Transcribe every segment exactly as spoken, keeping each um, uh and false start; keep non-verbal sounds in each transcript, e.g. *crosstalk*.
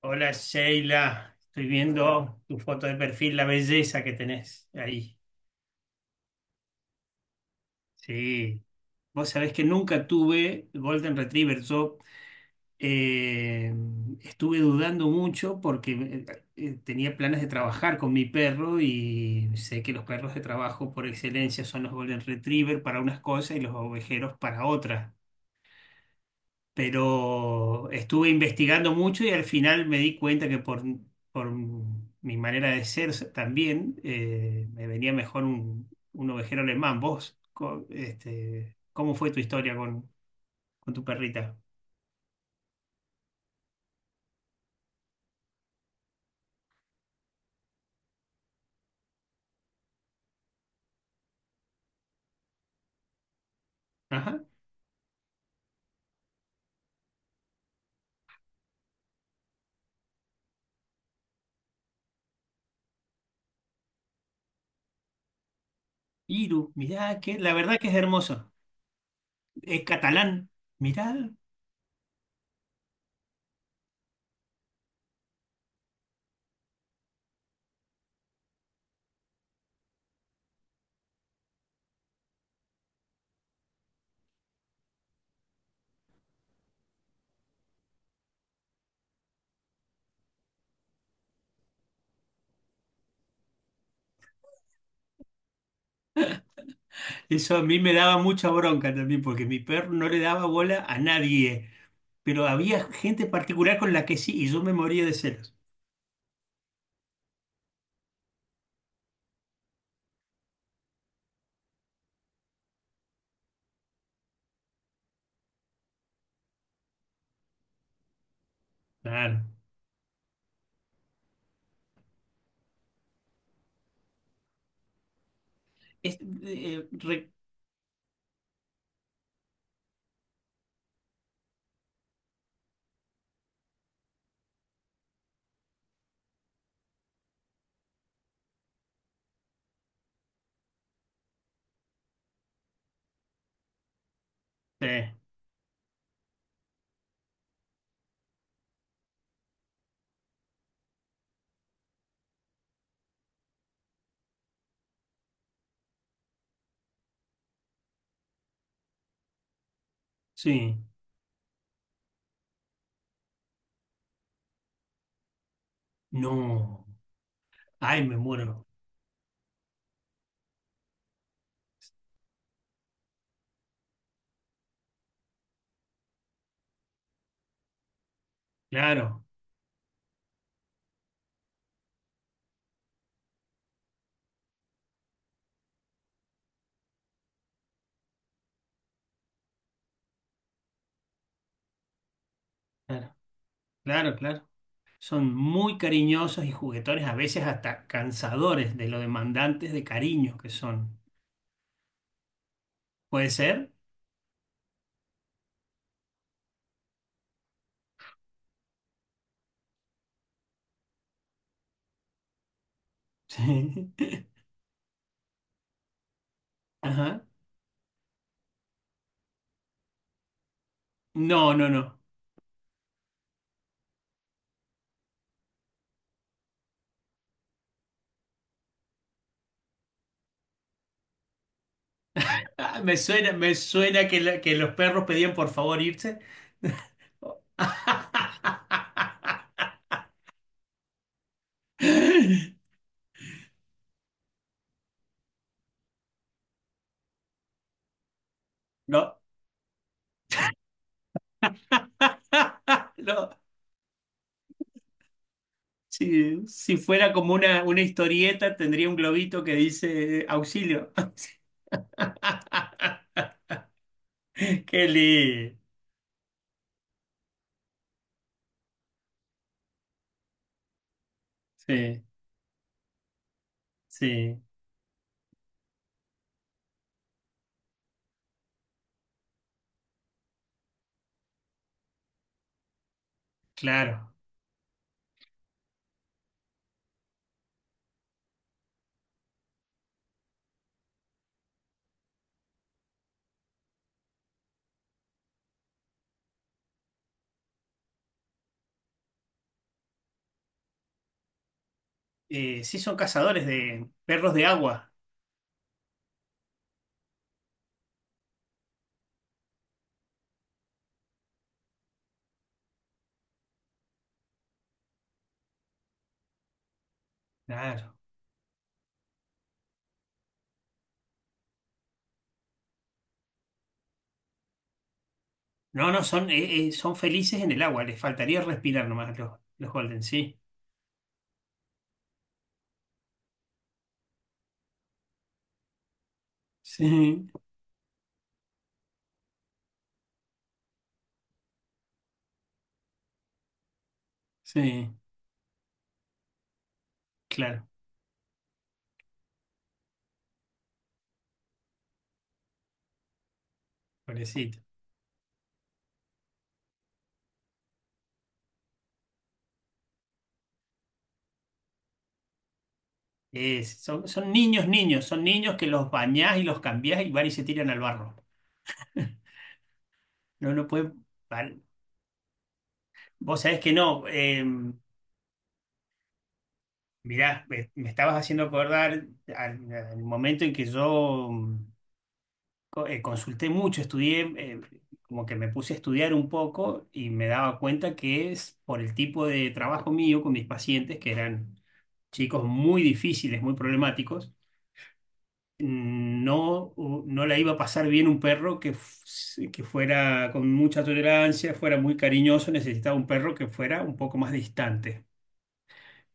Hola Sheila, estoy viendo tu foto de perfil, la belleza que tenés ahí. Sí, vos sabés que nunca tuve Golden Retriever. Yo eh, Estuve dudando mucho porque eh, eh, tenía planes de trabajar con mi perro y sé que los perros de trabajo por excelencia son los Golden Retriever para unas cosas y los ovejeros para otras. Pero estuve investigando mucho y al final me di cuenta que por, por mi manera de ser también eh, me venía mejor un, un ovejero alemán. Vos, co- este, ¿cómo fue tu historia con, con tu perrita? Ajá. Iru, mirá, que la verdad que es hermoso. Es catalán. Mirá, eso a mí me daba mucha bronca también porque mi perro no le daba bola a nadie, pero había gente particular con la que sí y yo me moría de celos. Claro. Es- eh, re- Sí, sí. No. Ay, me muero. Claro, claro, claro, claro. Son muy cariñosos y juguetones, a veces hasta cansadores de lo demandantes de cariño que son. ¿Puede ser? *laughs* Sí. Ajá. No, no, no. Ah, me suena, me suena que, la- que los perros pedían por favor irse. *laughs* No. *laughs* No. Sí, si fuera como una, una historieta, tendría un globito que dice auxilio. *laughs* Qué lindo. Sí, sí, claro. Eh, sí, son cazadores de perros de agua. Claro. No, no, son, eh, eh, son felices en el agua. Les faltaría respirar nomás los, los Golden, sí. Sí, sí, claro. Pobrecito. Eh, son, son niños, niños. Son niños que los bañás y los cambiás y van y se tiran al barro. *laughs* No, no pueden. Vos sabés que no. eh, mirá, me, me estabas haciendo acordar al, al momento en que yo mm, co- eh, consulté mucho, estudié, eh, como que me puse a estudiar un poco y me daba cuenta que es por el tipo de trabajo mío con mis pacientes, que eran chicos muy difíciles, muy problemáticos, no, no la iba a pasar bien un perro que, f- que fuera con mucha tolerancia, fuera muy cariñoso, necesitaba un perro que fuera un poco más distante.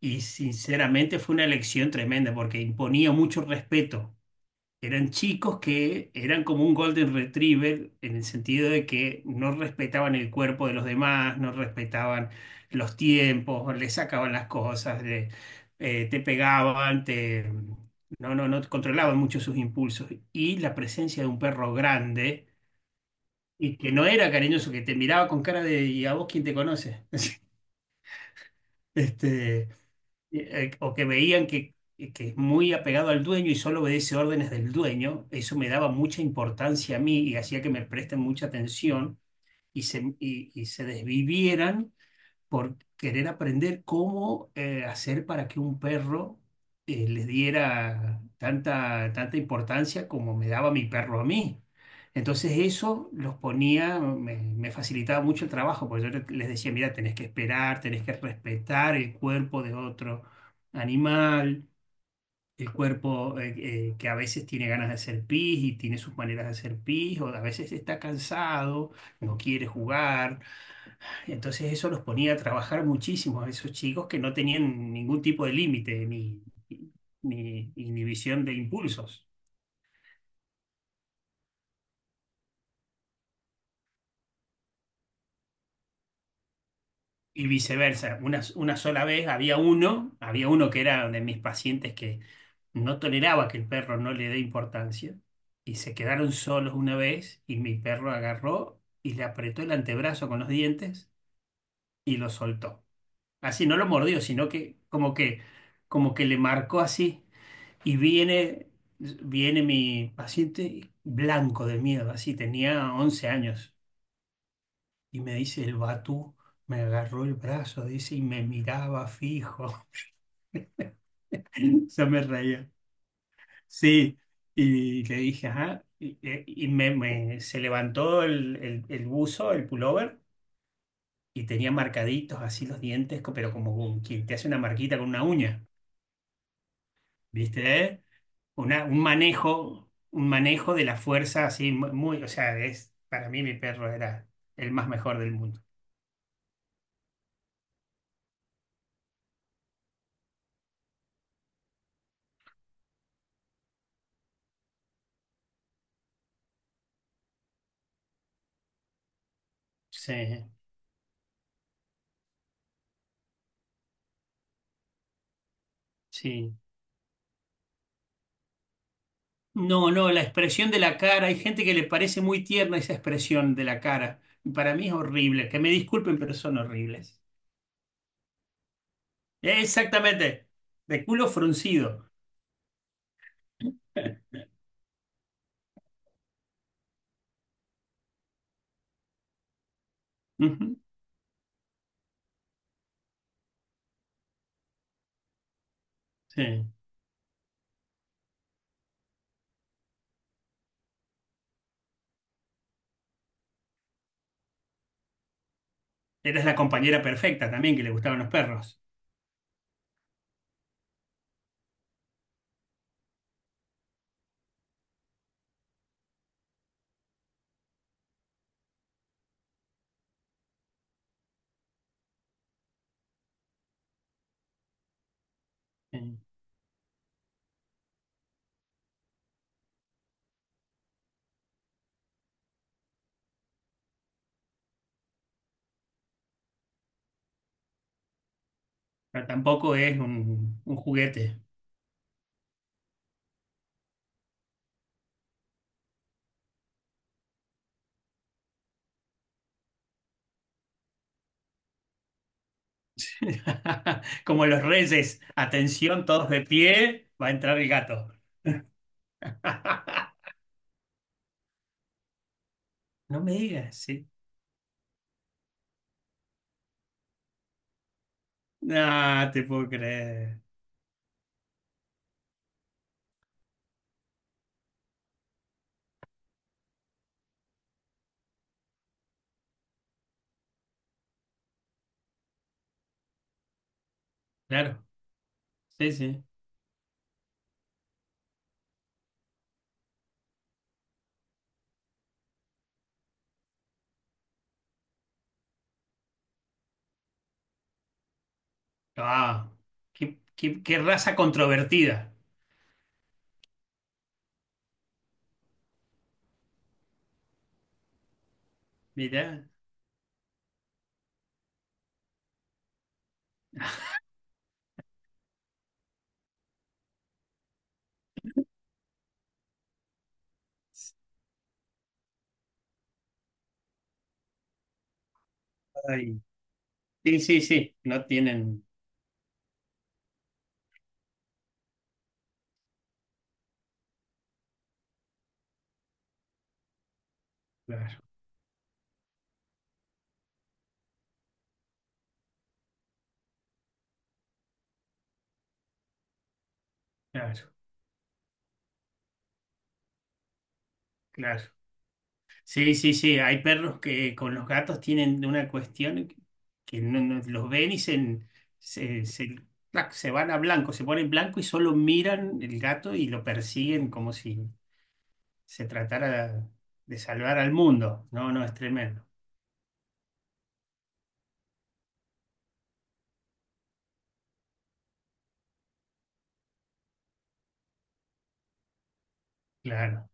Y sinceramente fue una elección tremenda porque imponía mucho respeto. Eran chicos que eran como un Golden Retriever en el sentido de que no respetaban el cuerpo de los demás, no respetaban los tiempos, le sacaban las cosas, le- eh, te pegaban, te, no, no, no controlaban mucho sus impulsos. Y la presencia de un perro grande y que no era cariñoso, que te miraba con cara de, ¿y a vos quién te conoce? *laughs* Este, eh, o que veían que, que es muy apegado al dueño y solo obedece órdenes del dueño, eso me daba mucha importancia a mí y hacía que me presten mucha atención y se, y, y se desvivieran por querer aprender cómo eh, hacer para que un perro eh, le diera tanta, tanta importancia como me daba mi perro a mí. Entonces eso los ponía, me, me facilitaba mucho el trabajo, porque yo le- les decía, mira, tenés que esperar, tenés que respetar el cuerpo de otro animal, el cuerpo eh, eh, que a veces tiene ganas de hacer pis y tiene sus maneras de hacer pis, o a veces está cansado, no quiere jugar. Entonces eso los ponía a trabajar muchísimo a esos chicos que no tenían ningún tipo de límite ni, ni inhibición de impulsos. Y viceversa, una, una sola vez había uno, había uno que era de mis pacientes que no toleraba que el perro no le dé importancia y se quedaron solos una vez y mi perro agarró y le apretó el antebrazo con los dientes y lo soltó. Así no lo mordió, sino que como que como que le marcó así. Y viene, viene mi paciente blanco de miedo, así tenía once años. Y me dice, el Batú me agarró el brazo, dice, y me miraba fijo. *laughs* Yo me reía. Sí, y le dije, ajá, y, y- y me, me- se levantó el, el, el buzo, el pullover, y tenía marcaditos así los dientes, co- pero como quien te hace una marquita con una uña, ¿viste? una- un manejo, un manejo de la fuerza así mu- muy, o sea, es, para mí mi perro era el más mejor del mundo. Sí, sí. No, no, la expresión de la cara, hay gente que le parece muy tierna esa expresión de la cara. Y para mí es horrible, que me disculpen, pero son horribles. Exactamente, de culo fruncido. Ujú, sí. Eres la compañera perfecta también que le gustaban los perros. Sí. Pero tampoco es un, un juguete. *laughs* Como los reyes, atención, todos de pie, va a entrar el gato. *laughs* No me digas, sí. No, te puedo creer. Claro, sí, sí. Ah, qué, qué- qué raza controvertida. Mirá. Ay, sí, sí, sí. No tienen. Claro, claro, claro. Sí, sí, sí, hay perros que con los gatos tienen una cuestión que no- no- los ven y se, se, se, clac, se van a blanco, se ponen blanco y solo miran el gato y lo persiguen como si se tratara de salvar al mundo. No, no, es tremendo. Claro,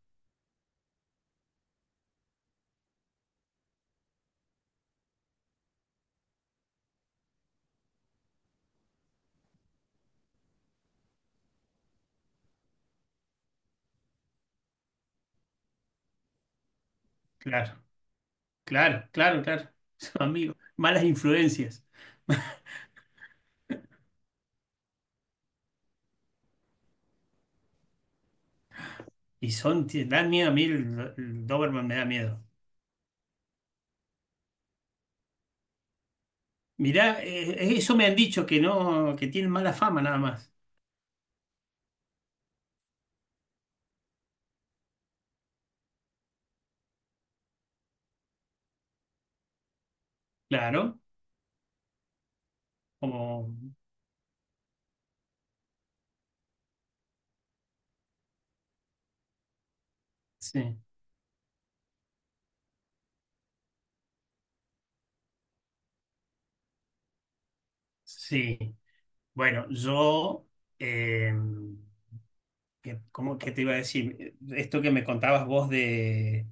claro, claro, claro, claro. *laughs* Son amigos, malas influencias. Y son, te dan miedo a mí, el, el Doberman me da miedo. Mirá, eh, eh, eso me han dicho que no, que tienen mala fama nada más. Claro, como sí, sí. Bueno, yo, eh, que- cómo que te iba a decir? Esto que me contabas vos de,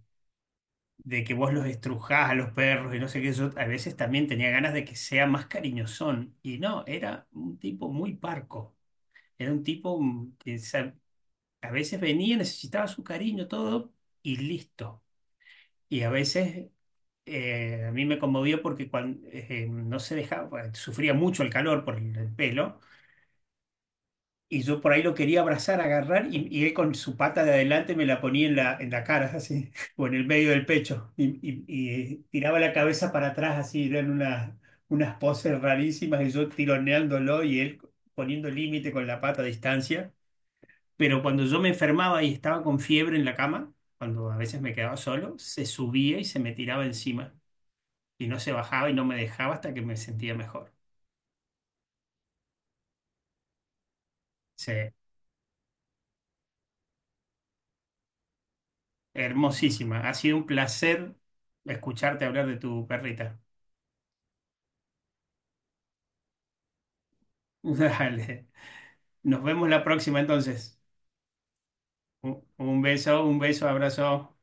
de que vos los estrujás a los perros y no sé qué, yo a veces también tenía ganas de que sea más cariñosón. Y no, era un tipo muy parco. Era un tipo mm, que sa- a veces venía, necesitaba su cariño, todo, y listo. Y a veces eh, a mí me conmovió porque cuando, no se dejaba, sufría mucho el calor por el el pelo. Y yo por ahí lo quería abrazar, agarrar, y, y él con su pata de adelante me la ponía en la, en la cara, así, *laughs* o en el medio del pecho, y, y- y, eh, tiraba la cabeza para atrás, así, eran una- unas poses rarísimas, y yo tironeándolo y él poniendo límite con la pata a distancia. Pero cuando yo me enfermaba y estaba con fiebre en la cama, cuando a veces me quedaba solo, se subía y se me tiraba encima, y no se bajaba y no me dejaba hasta que me sentía mejor. Hermosísima. Ha sido un placer escucharte hablar de tu perrita. *laughs* Dale. Nos vemos la próxima entonces. Un un beso, un beso, abrazo.